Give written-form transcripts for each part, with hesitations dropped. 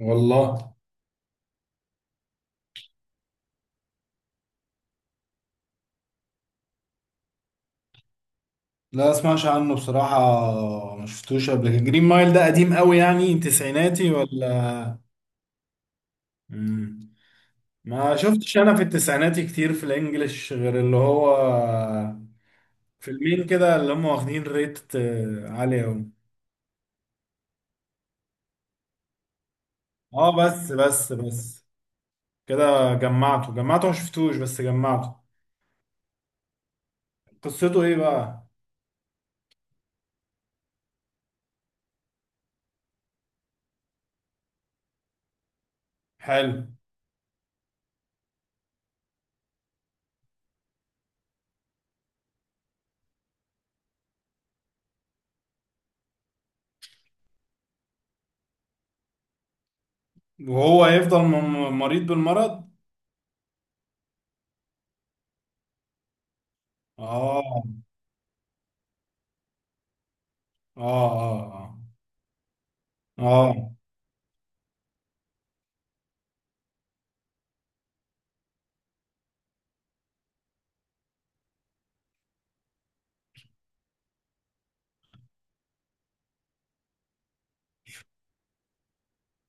والله. لا اسمعش عنه بصراحة. ما شفتوش قبل كده. جرين مايل ده قديم قوي، يعني تسعيناتي ولا؟ مم. ما شفتش انا في التسعيناتي كتير في الانجليش، غير اللي هو فيلمين كده اللي هم واخدين ريت عالي قوي. اه، بس كده، جمعته جمعته، ما شفتوش بس جمعته. قصته ايه بقى؟ حلو. وهو يفضل مريض بالمرض. اه، اه، اه، اه، آه.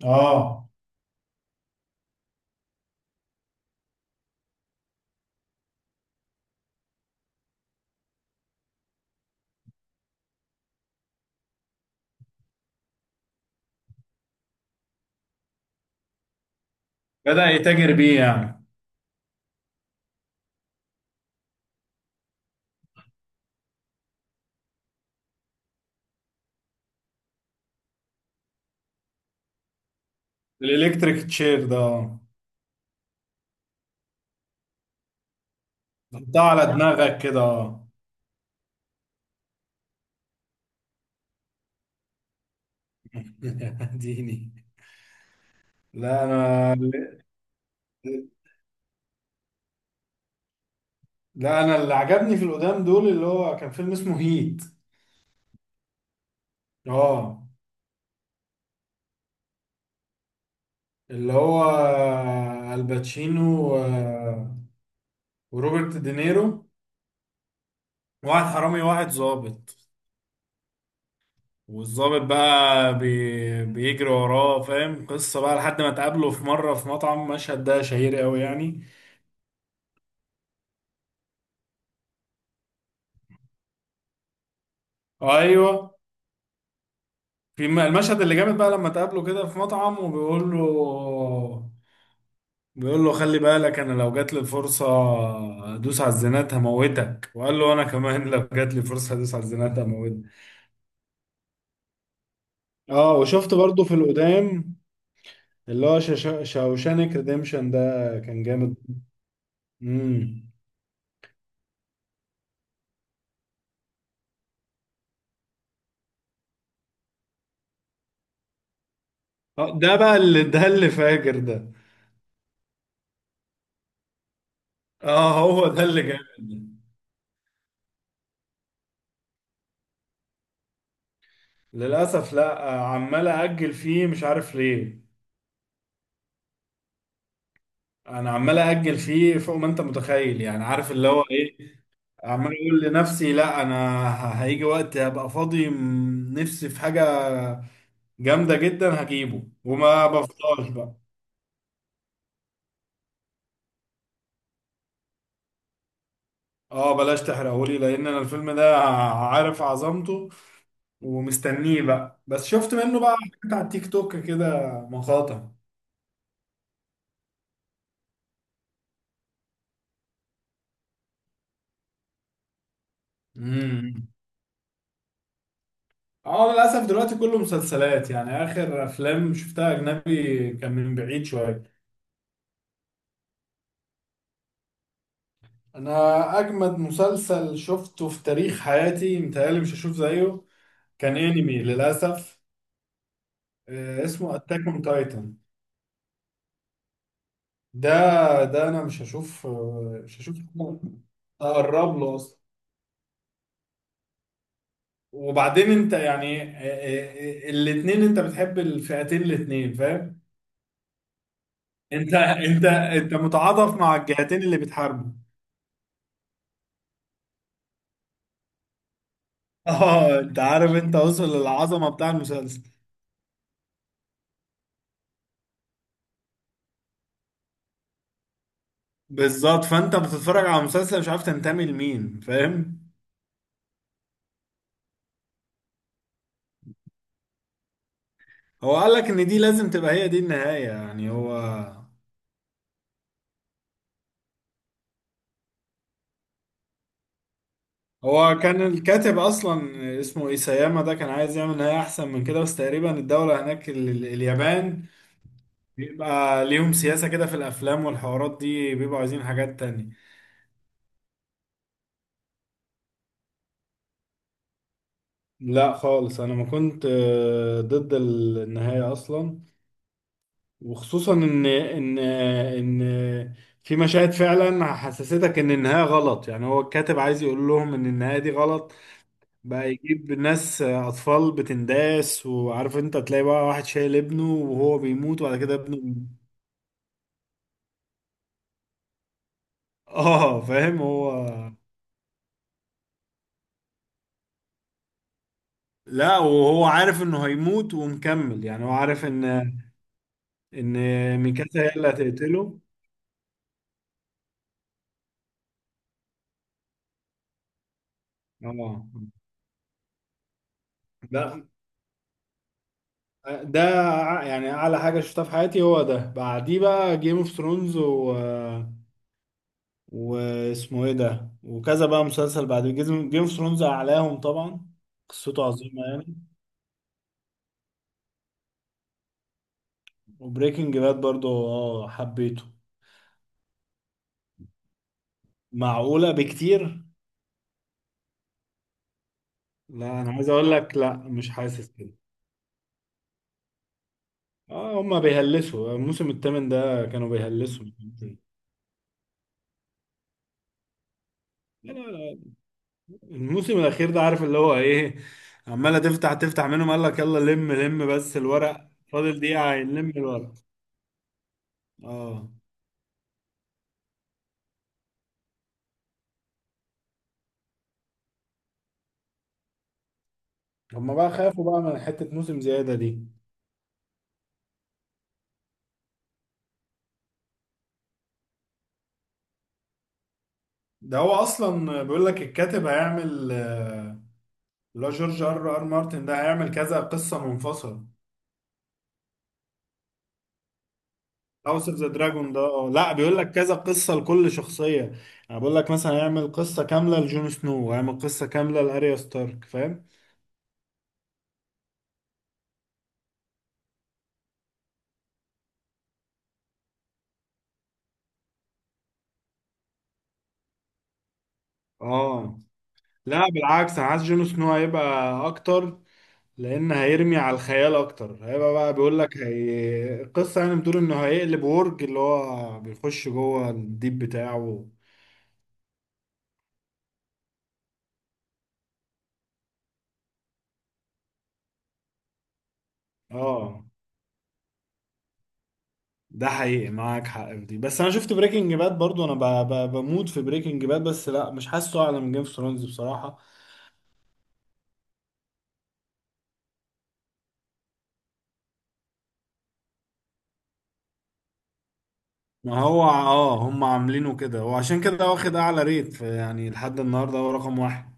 اه، بدأ يتاجر بيه يعني. الالكتريك تشير ده، آه. حطها على دماغك كده، آه. ديني. لا انا. لا، انا اللي عجبني في القدام دول اللي هو كان فيلم اسمه هيت. اه، اللي هو الباتشينو وروبرت دينيرو. واحد حرامي واحد ظابط. والظابط بقى بيجري وراه، فاهم؟ قصة بقى لحد ما تقابله في مرة في مطعم. مشهد ده شهير قوي يعني. ايوه. في المشهد اللي جامد بقى لما تقابله كده في مطعم، وبيقول له، بيقول له: خلي بالك، انا لو جات لي الفرصه ادوس على الزنات هموتك. وقال له: انا كمان لو جات لي فرصه ادوس على الزنات هموتك. اه، وشفت برضو في القدام، اللي هو شاوشانك ريديمشن ده، كان جامد. امم. ده بقى اللي ده اللي فاجر ده. اه، هو ده اللي جامد ده. للاسف لا، عمال اجل فيه مش عارف ليه. انا عمال اجل فيه فوق ما انت متخيل، يعني عارف اللي هو ايه. عمال اقول لنفسي: لا انا هيجي وقت هبقى فاضي، نفسي في حاجه جامده جدا هجيبه، وما بفضلش بقى. اه، بلاش تحرقهولي، لان انا الفيلم ده عارف عظمته، ومستنيه بقى. بس شفت منه بقى حاجات على التيك توك كده، مقاطع. امم. اه، للاسف دلوقتي كله مسلسلات، يعني اخر افلام شفتها اجنبي كان من بعيد شويه. انا اجمد مسلسل شفته في تاريخ حياتي، متهيألي مش هشوف زيه. كان انمي للاسف. اسمه اتاك اون تايتن. ده ده انا مش هشوف، حاجة. اقرب له اصلا. وبعدين انت يعني، الاتنين، انت بتحب الفئتين الاتنين، فاهم؟ انت متعاطف مع الجهتين اللي بتحاربوا. اه، انت عارف، انت وصل للعظمه بتاع المسلسل. بالظبط، فانت بتتفرج على مسلسل مش عارف تنتمي لمين، فاهم؟ هو قال لك ان دي لازم تبقى هي دي النهاية، يعني هو. هو كان الكاتب اصلا اسمه ايساياما، ده كان عايز يعمل نهاية احسن من كده، بس تقريبا الدولة هناك، اليابان، بيبقى ليهم سياسة كده في الافلام والحوارات دي، بيبقوا عايزين حاجات تانية. لا خالص، انا ما كنت ضد النهاية اصلا. وخصوصا ان في مشاهد فعلا حسستك ان النهاية غلط، يعني هو الكاتب عايز يقول لهم ان النهاية دي غلط. بقى يجيب ناس اطفال بتنداس، وعارف انت تلاقي بقى واحد شايل ابنه وهو بيموت، وبعد كده ابنه. اه فاهم هو. لا، وهو عارف انه هيموت ومكمل، يعني هو عارف ان ميكاسا هي اللي هتقتله. اه. ده ده يعني اعلى حاجه شفتها في حياتي هو ده. بعديه بقى جيم اوف ثرونز. واسمه ايه ده، وكذا بقى مسلسل بعد جيم اوف ثرونز اعلاهم طبعا. قصته عظيمه يعني. وبريكنج باد برضو، اه، حبيته. معقولة بكتير؟ لا، انا عايز اقول لك، لا مش حاسس كده. اه، هما بيهلسوا. الموسم الثامن ده كانوا بيهلسوا. لا، لا، لا، الموسم الاخير ده، عارف اللي هو ايه؟ عمالة تفتح تفتح منهم، قال لك: يلا لم لم بس الورق فاضل دقيقة، هنلم الورق. اه، هما بقى خافوا بقى من حتة موسم زيادة دي. ده هو اصلا بيقول لك الكاتب هيعمل، اللي هو جورج ار ار مارتن، ده هيعمل كذا قصه منفصله. هاوس اوف ذا دراجون ده، اه لا، بيقول لك كذا قصه لكل شخصيه. يعني بيقول لك مثلا هيعمل قصه كامله لجون سنو، وهيعمل قصه كامله لاريا ستارك، فاهم؟ اه، لا بالعكس، انا عايز جون سنو هيبقى اكتر، لان هيرمي على الخيال اكتر. هيبقى بقى بيقول لك هي القصه، يعني بتقول انه هيقلب ورج اللي هو بيخش جوه الديب بتاعه. اه، ده حقيقي، معاك حق في دي. بس انا شفت بريكنج باد برضو، انا بموت في بريكنج باد، بس لا مش حاسه اعلى من جيم اوف ثرونز بصراحه. ما هو هم عاملينه كده، وعشان كده واخد اعلى ريت، يعني لحد النهارده هو رقم واحد.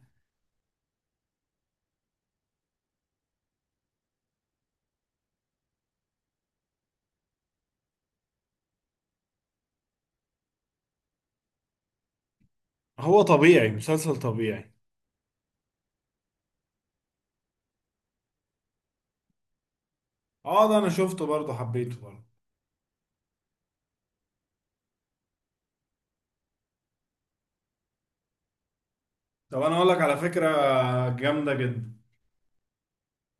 هو طبيعي، مسلسل طبيعي. اه، ده انا شفته برضه، حبيته برضه. طب انا اقول لك على فكره، جامده جدا.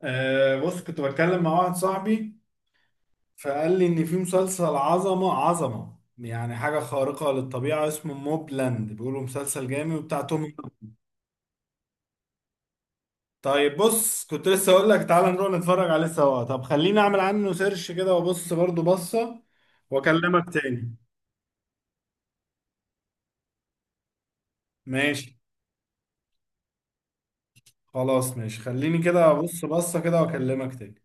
آه، بص كنت بتكلم مع واحد صاحبي، فقال لي ان في مسلسل عظمه عظمه، يعني حاجه خارقه للطبيعه، اسمه موبلاند، بيقولوا مسلسل جامد وبتاع توم. طيب، بص كنت لسه اقول لك تعالى نروح نتفرج عليه سوا. طب خليني اعمل عنه سيرش كده، وابص برضو بصة، واكلمك تاني. ماشي. خلاص ماشي، خليني كده ابص بصة كده، واكلمك تاني.